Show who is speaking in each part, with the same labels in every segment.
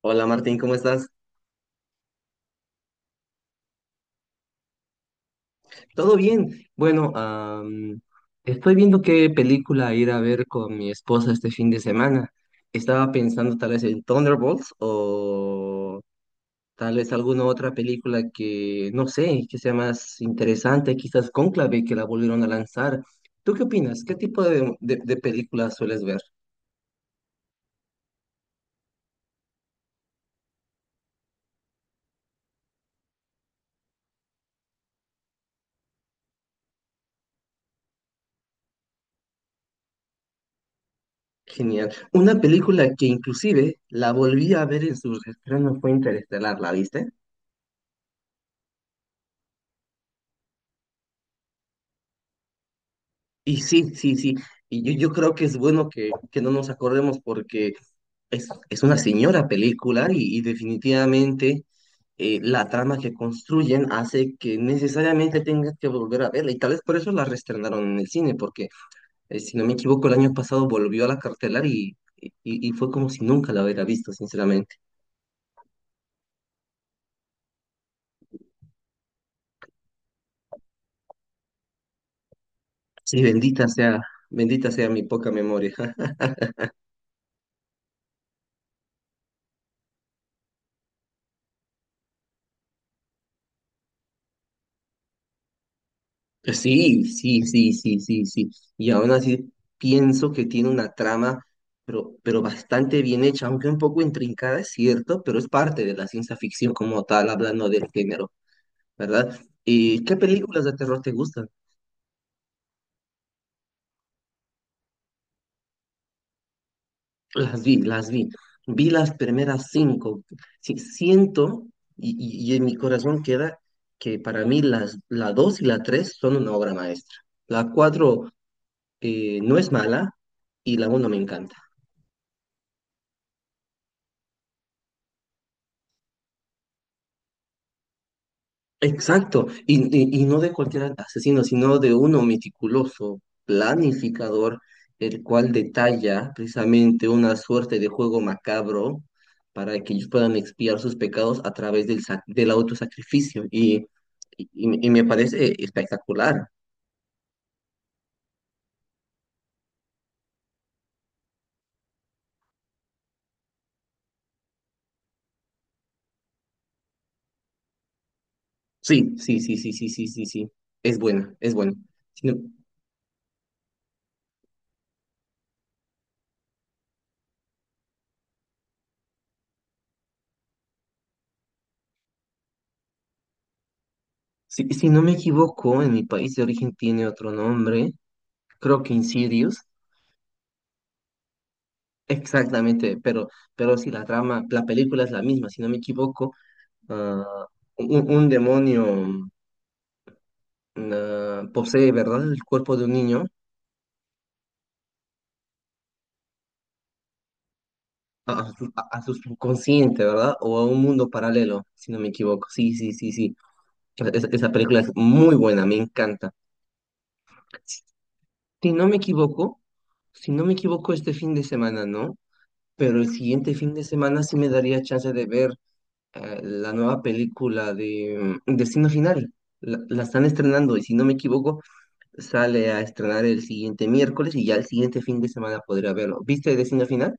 Speaker 1: Hola Martín, ¿cómo estás? ¿Todo bien? Bueno, estoy viendo qué película ir a ver con mi esposa este fin de semana. Estaba pensando tal vez en Thunderbolts o tal vez alguna otra película que, no sé, que sea más interesante, quizás Cónclave, que la volvieron a lanzar. ¿Tú qué opinas? ¿Qué tipo de películas sueles ver? Genial. Una película que inclusive la volví a ver en su estreno fue Interestelar, ¿la viste? Y sí, sí, sí. Y yo creo que es bueno que no nos acordemos porque es una señora película y definitivamente la trama que construyen hace que necesariamente tengas que volver a verla. Y tal vez por eso la reestrenaron en el cine, porque si no me equivoco, el año pasado volvió a la cartelar y fue como si nunca la hubiera visto, sinceramente. Sí, bendita sea mi poca memoria. Sí, sí, sí, sí, sí, sí. Y aún así pienso que tiene una trama, pero bastante bien hecha, aunque un poco intrincada, es cierto, pero es parte de la ciencia ficción como tal, hablando del género, ¿verdad? ¿Y qué películas de terror te gustan? Las vi, las vi. Vi las primeras cinco. Sí, siento y en mi corazón queda que para mí la dos y la tres son una obra maestra. La cuatro no es mala y la uno me encanta. Exacto, y no de cualquier asesino, sino de uno meticuloso, planificador, el cual detalla precisamente una suerte de juego macabro para que ellos puedan expiar sus pecados a través del autosacrificio. Me parece espectacular. Sí, sí, sí, sí, sí, sí, sí, sí. Es buena, es buena. Si no, si no me equivoco, en mi país de origen tiene otro nombre, creo que Insidious. Exactamente, pero si la trama, la película es la misma, si no me equivoco, ah, un demonio posee, ¿verdad?, el cuerpo de un niño. A su subconsciente, ¿verdad?, o a un mundo paralelo, si no me equivoco. Sí, sí, sí, sí. Esa película es muy buena, me encanta. Si si no me equivoco, si no me equivoco, este fin de semana, ¿no? Pero el siguiente fin de semana sí me daría chance de ver la nueva película de Destino Final. La están estrenando y si no me equivoco, sale a estrenar el siguiente miércoles y ya el siguiente fin de semana podría verlo. ¿Viste Destino Final?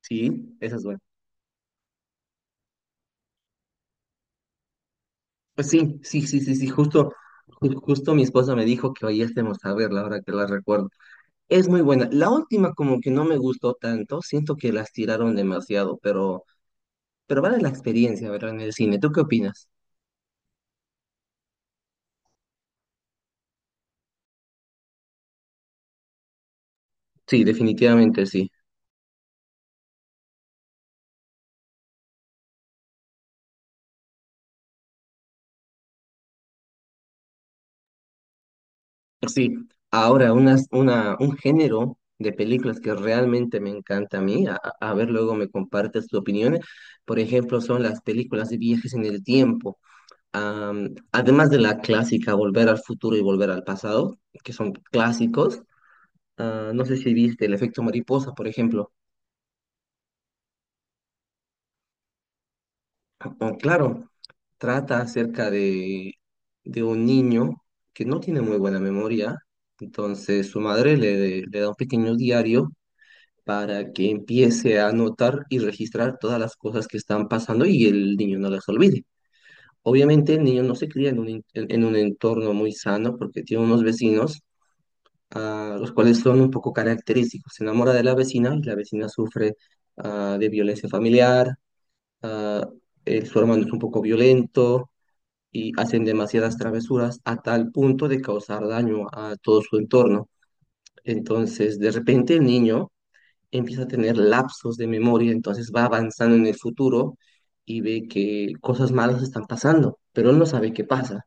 Speaker 1: Sí, esa es buena. Pues sí, sí, sí, sí, sí, justo mi esposa me dijo que hoy estemos a verla ahora que la recuerdo. Es muy buena. La última como que no me gustó tanto, siento que las tiraron demasiado, pero vale la experiencia, ¿verdad? En el cine. ¿Tú qué opinas? Sí, definitivamente sí. Sí, ahora un género de películas que realmente me encanta a mí, a ver luego me compartes tu opinión, por ejemplo, son las películas de viajes en el tiempo. Además de la clásica Volver al futuro y Volver al pasado, que son clásicos, no sé si viste El efecto mariposa, por ejemplo. O, claro, trata acerca de un niño que no tiene muy buena memoria, entonces su madre le da un pequeño diario para que empiece a anotar y registrar todas las cosas que están pasando y el niño no las olvide. Obviamente el niño no se cría en un entorno muy sano porque tiene unos vecinos los cuales son un poco característicos. Se enamora de la vecina y la vecina sufre de violencia familiar. Ah, el- su hermano es un poco violento y hacen demasiadas travesuras a tal punto de causar daño a todo su entorno. Entonces, de repente el niño empieza a tener lapsos de memoria, entonces va avanzando en el futuro y ve que cosas malas están pasando, pero él no sabe qué pasa.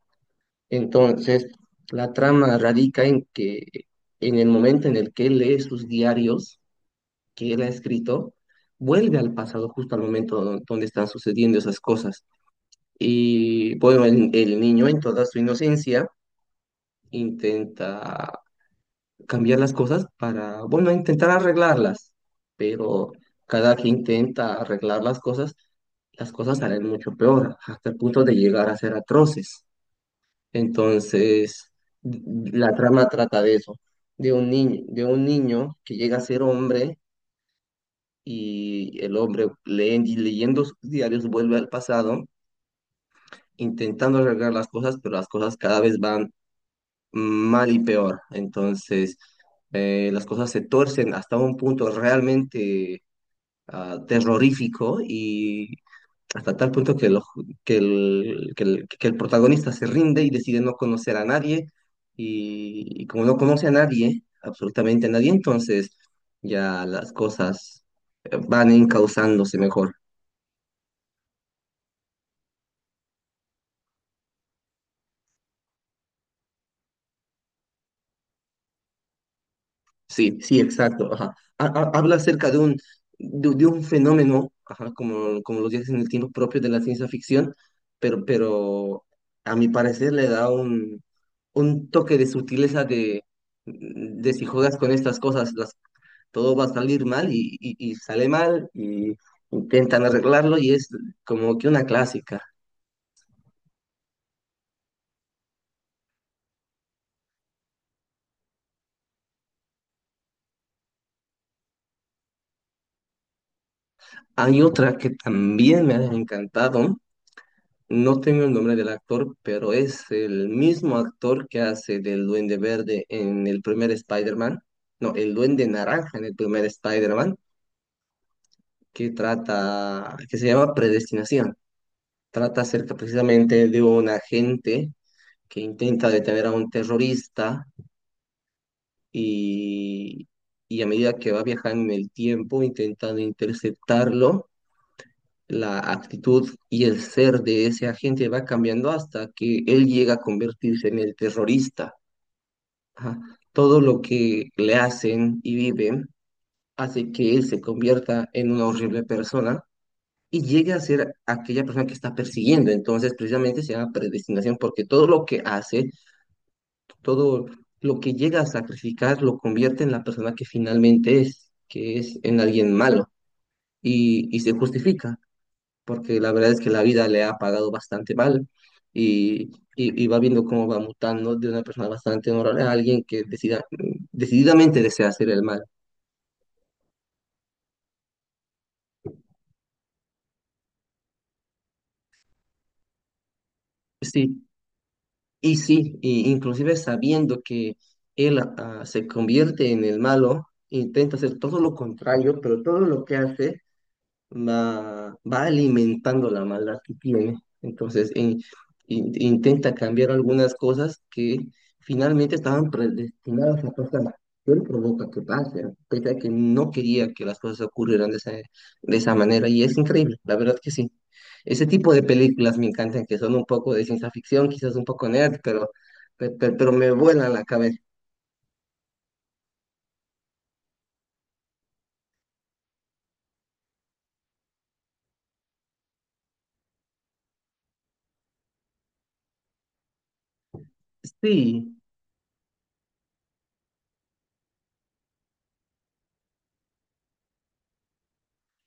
Speaker 1: Entonces, la trama radica en que en el momento en el que él lee sus diarios que él ha escrito, vuelve al pasado justo al momento donde están sucediendo esas cosas. Y bueno, el niño en toda su inocencia intenta cambiar las cosas para, bueno, intentar arreglarlas, pero cada que intenta arreglar las cosas salen mucho peor, hasta el punto de llegar a ser atroces. Entonces, la trama trata de eso, de un niño que llega a ser hombre y el hombre leyendo sus diarios vuelve al pasado, intentando arreglar las cosas, pero las cosas cada vez van mal y peor. Entonces, las cosas se torcen hasta un punto realmente terrorífico y hasta tal punto que, lo- que el, que el- que el protagonista se rinde y decide no conocer a nadie. Y como no conoce a nadie, absolutamente a nadie, entonces ya las cosas van encauzándose mejor. Sí, sí, exacto. Ajá. Habla acerca de un fenómeno, ajá, como los viajes en el tiempo propio de la ciencia ficción, pero a mi parecer le da un toque de sutileza de si juegas con estas cosas, todo va a salir mal y sale mal y intentan arreglarlo y es como que una clásica. Hay otra que también me ha encantado. No tengo el nombre del actor, pero es el mismo actor que hace del Duende Verde en el primer Spider-Man. No, el Duende Naranja en el primer Spider-Man, que se llama Predestinación. Trata acerca precisamente de un agente que intenta detener a un terrorista y, y a medida que va viajando en el tiempo, intentando interceptarlo, la actitud y el ser de ese agente va cambiando hasta que él llega a convertirse en el terrorista. Ajá. Todo lo que le hacen y viven hace que él se convierta en una horrible persona y llegue a ser aquella persona que está persiguiendo. Entonces, precisamente se llama predestinación porque todo lo que hace, todo lo que llega a sacrificar, lo convierte en la persona que finalmente es, que es en alguien malo y se justifica, porque la verdad es que la vida le ha pagado bastante mal y, y va viendo cómo va mutando de una persona bastante honorable a alguien que decididamente desea hacer el mal. Sí, y sí, y inclusive sabiendo que él se convierte en el malo, intenta hacer todo lo contrario, pero todo lo que hace va alimentando la maldad que tiene. Entonces, intenta cambiar algunas cosas que finalmente estaban predestinadas a pasar. Él provoca que pase, pese a que no quería que las cosas ocurrieran de esa manera. Y es increíble, la verdad que sí. Ese tipo de películas me encantan, que son un poco de ciencia ficción, quizás un poco nerd, pero, me vuelan la cabeza. Sí,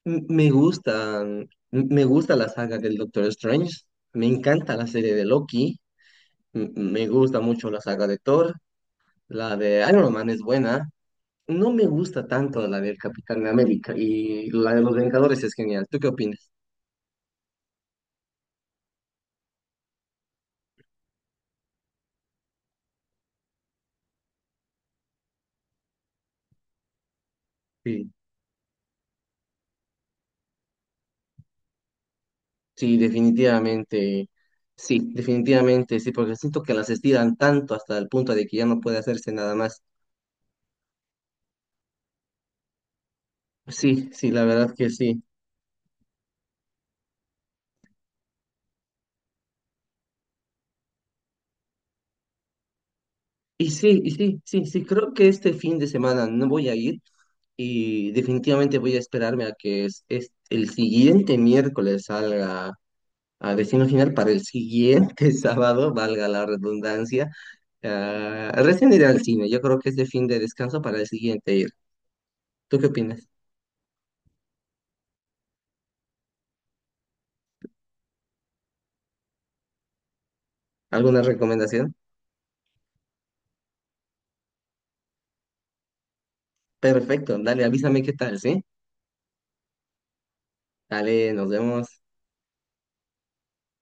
Speaker 1: M- Me gusta, me gusta la saga del Doctor Strange, me encanta la serie de Loki, me gusta mucho la saga de Thor, la de Iron Man es buena, no me gusta tanto la del Capitán América y la de los Vengadores es genial. ¿Tú qué opinas? Sí, sí, definitivamente, sí, definitivamente, sí, porque siento que las estiran tanto hasta el punto de que ya no puede hacerse nada más. Sí, sí, la verdad que sí. Y sí, y sí, sí, sí, creo que este fin de semana no voy a ir. Y definitivamente voy a esperarme a que el siguiente miércoles salga a Destino Final para el siguiente sábado, valga la redundancia. Ah, recién iré al cine, yo creo que es de fin de descanso para el siguiente ir. ¿Tú qué opinas? ¿Alguna recomendación? Perfecto, dale, avísame qué tal, ¿sí? Dale, nos vemos.